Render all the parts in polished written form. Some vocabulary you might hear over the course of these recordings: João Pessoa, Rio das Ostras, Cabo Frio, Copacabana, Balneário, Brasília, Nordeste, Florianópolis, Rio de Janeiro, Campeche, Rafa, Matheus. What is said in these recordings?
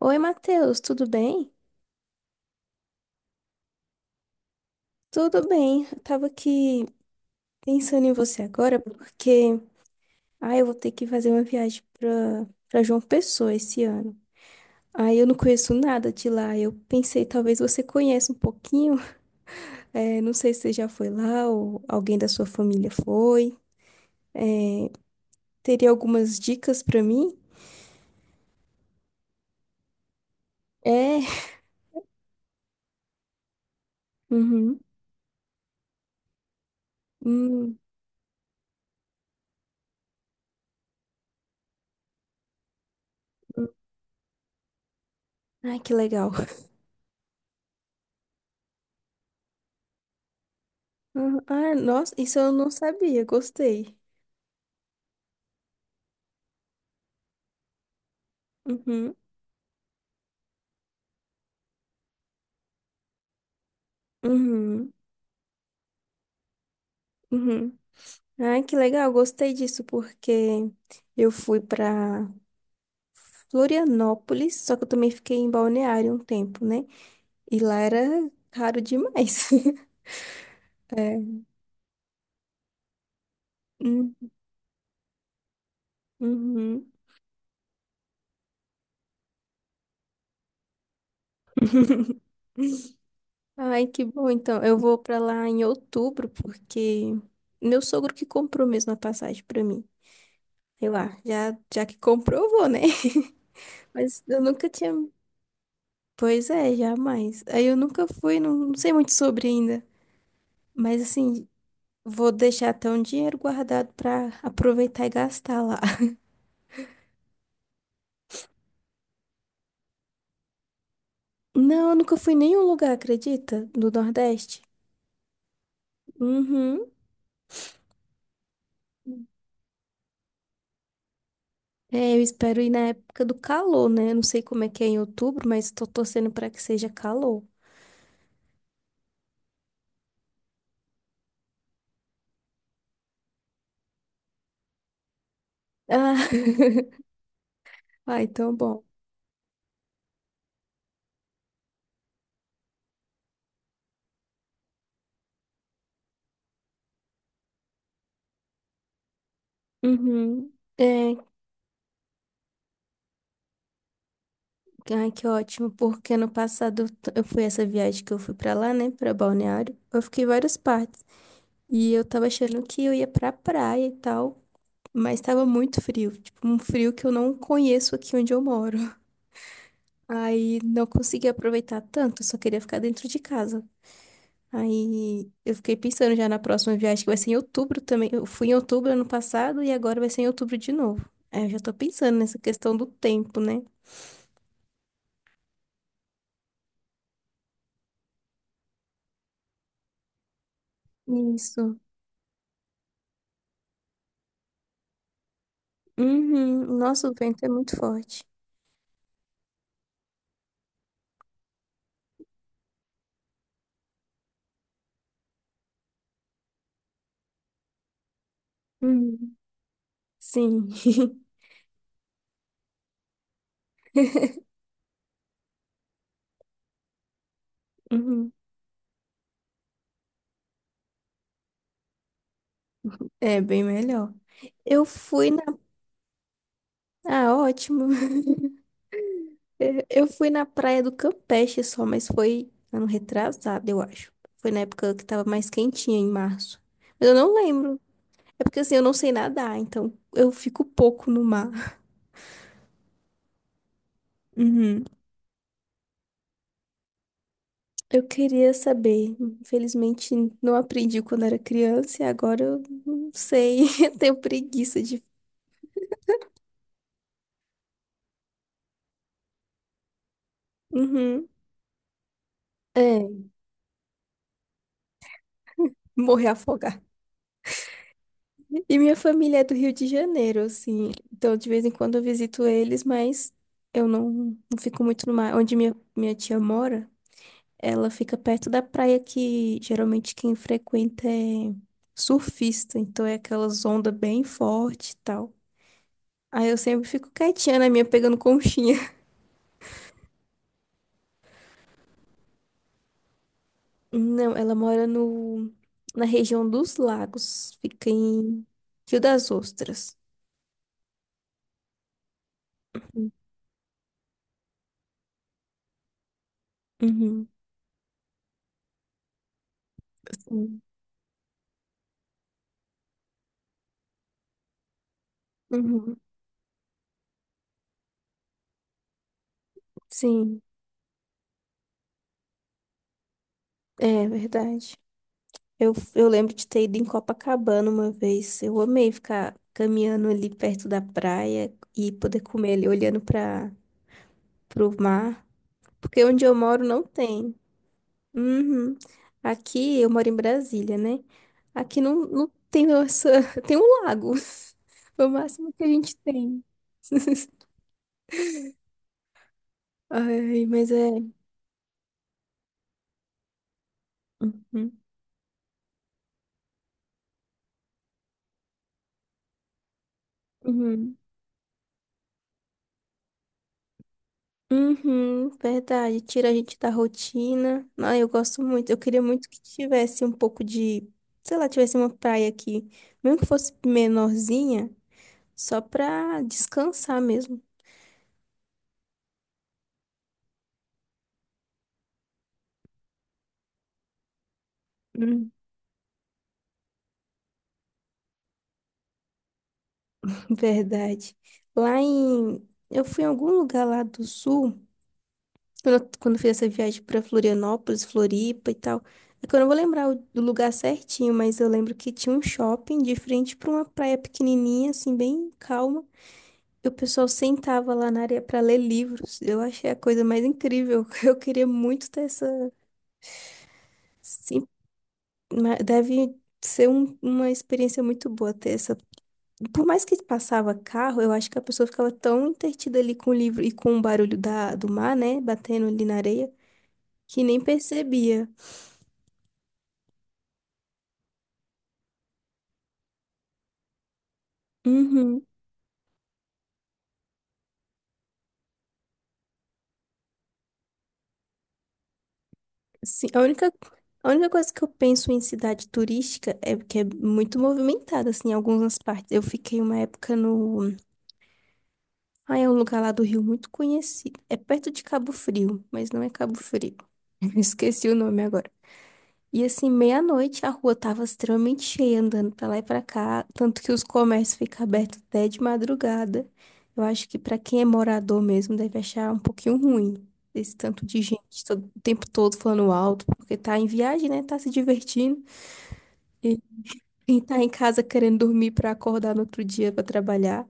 Oi, Matheus, tudo bem? Tudo bem. Eu tava aqui pensando em você agora porque eu vou ter que fazer uma viagem pra para João Pessoa esse ano. Aí eu não conheço nada de lá. Eu pensei, talvez você conheça um pouquinho. Não sei se você já foi lá ou alguém da sua família foi. Eh, Teria algumas dicas pra mim? É. Uhum. Hum. Ai, que legal. Uhum. Ah, nossa, isso eu não sabia. Gostei. Uhum. Uhum. Uhum. Ai, que legal, gostei disso, porque eu fui para Florianópolis, só que eu também fiquei em Balneário um tempo, né? E lá era caro demais. É. Hum, uhum. Ai, que bom, então. Eu vou para lá em outubro, porque meu sogro que comprou mesmo a passagem para mim. Sei lá, já que comprou, eu vou, né? Mas eu nunca tinha. Pois é, jamais. Aí eu nunca fui, não, não sei muito sobre ainda. Mas assim, vou deixar até um dinheiro guardado pra aproveitar e gastar lá. Não, eu nunca fui em nenhum lugar, acredita? Do Nordeste? Uhum. É, eu espero ir na época do calor, né? Não sei como é que é em outubro, mas tô torcendo pra que seja calor. Ah, ah, então bom. Uhum. É, ai, que ótimo, porque ano passado eu fui essa viagem que eu fui pra lá, né, pra Balneário. Eu fiquei em várias partes. E eu tava achando que eu ia pra praia e tal. Mas tava muito frio, tipo, um frio que eu não conheço aqui onde eu moro. Aí não consegui aproveitar tanto, só queria ficar dentro de casa. Aí eu fiquei pensando já na próxima viagem, que vai ser em outubro também. Eu fui em outubro ano passado e agora vai ser em outubro de novo. Aí eu já tô pensando nessa questão do tempo, né? Isso. Uhum. Nossa, o vento é muito forte. Uhum. Sim. Uhum. É bem melhor. Eu fui na. Ah, ótimo. É, eu fui na praia do Campeche só, mas foi ano retrasado, eu acho. Foi na época que tava mais quentinha, em março. Mas eu não lembro. É porque assim, eu não sei nadar, então eu fico pouco no mar. Uhum. Eu queria saber. Infelizmente, não aprendi quando era criança e agora eu não sei. Eu tenho preguiça de. Uhum. É, morrer afogada. E minha família é do Rio de Janeiro, assim. Então, de vez em quando eu visito eles, mas eu não, não fico muito no mar. Onde minha tia mora, ela fica perto da praia que geralmente quem frequenta é surfista. Então, é aquelas ondas bem fortes e tal. Aí eu sempre fico quietinha na minha, pegando conchinha. Não, ela mora no, na região dos lagos. Fica em Rio das Ostras. Uhum. Sim. Uhum. Sim, é verdade. Eu lembro de ter ido em Copacabana uma vez. Eu amei ficar caminhando ali perto da praia e poder comer ali olhando para o mar, porque onde eu moro não tem. Uhum. Aqui eu moro em Brasília, né? Aqui não, não tem essa, tem um lago. Foi o máximo que a gente tem. Ai, mas é. Uhum. Uhum. Uhum, verdade. Tira a gente da rotina. Ah, eu gosto muito. Eu queria muito que tivesse um pouco de, sei lá, tivesse uma praia aqui, mesmo que fosse menorzinha, só pra descansar mesmo. Hum. Verdade. Lá em, eu fui em algum lugar lá do sul, quando eu fiz essa viagem pra Florianópolis, Floripa e tal. É que eu não vou lembrar do lugar certinho, mas eu lembro que tinha um shopping de frente pra uma praia pequenininha, assim, bem calma. E o pessoal sentava lá na areia para ler livros. Eu achei a coisa mais incrível. Eu queria muito ter essa. Sim, deve ser uma experiência muito boa ter essa. Por mais que passava carro, eu acho que a pessoa ficava tão entretida ali com o livro e com o barulho do mar, né? Batendo ali na areia, que nem percebia. Uhum. Sim, a única coisa que eu penso em cidade turística é que é muito movimentada, assim, em algumas partes. Eu fiquei uma época no. Ah, é um lugar lá do Rio muito conhecido. É perto de Cabo Frio, mas não é Cabo Frio. Esqueci o nome agora. E assim, meia-noite a rua tava extremamente cheia, andando pra lá e pra cá, tanto que os comércios ficam abertos até de madrugada. Eu acho que pra quem é morador mesmo deve achar um pouquinho ruim esse tanto de gente o tempo todo falando alto, porque tá em viagem, né? Tá se divertindo. E quem tá em casa querendo dormir pra acordar no outro dia pra trabalhar.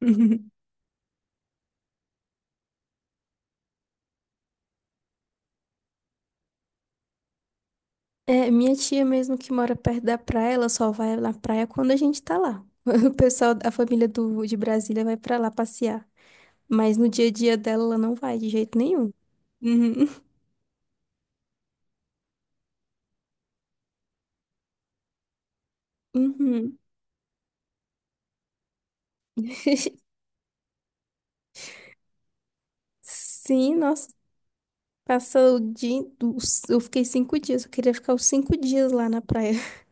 É, minha tia mesmo que mora perto da praia, ela só vai na praia quando a gente tá lá. O pessoal, a família de Brasília vai pra lá passear. Mas no dia a dia dela, ela não vai de jeito nenhum. Uhum. Uhum. Sim, nossa, passou o dia. Eu fiquei 5 dias, eu queria ficar os 5 dias lá na praia.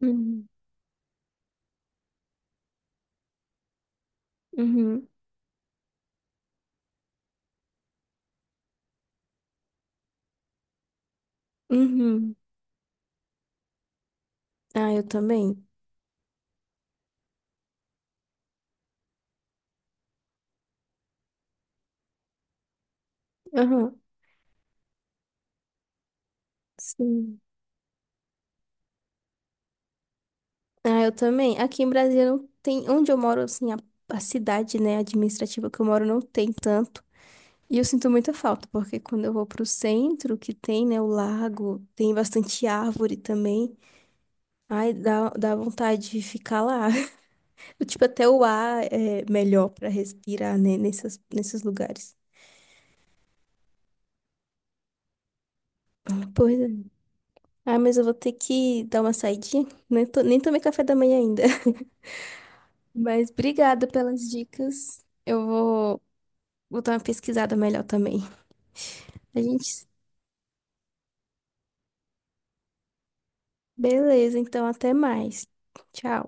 Uhum. Uhum. Uhum. Ah, eu também. Aham. Sim. Ah, eu também. Aqui em Brasília não tem. Onde eu moro, assim, a cidade, né, administrativa que eu moro não tem tanto. E eu sinto muita falta, porque quando eu vou pro centro, que tem, né, o lago, tem bastante árvore também. Ai, dá vontade de ficar lá. Tipo, até o ar é melhor pra respirar, né, nesses lugares. Pois é. Ah, mas eu vou ter que dar uma saidinha. Nem tomei café da manhã ainda. Mas obrigada pelas dicas. Vou dar uma pesquisada melhor também. A gente. Beleza, então até mais. Tchau.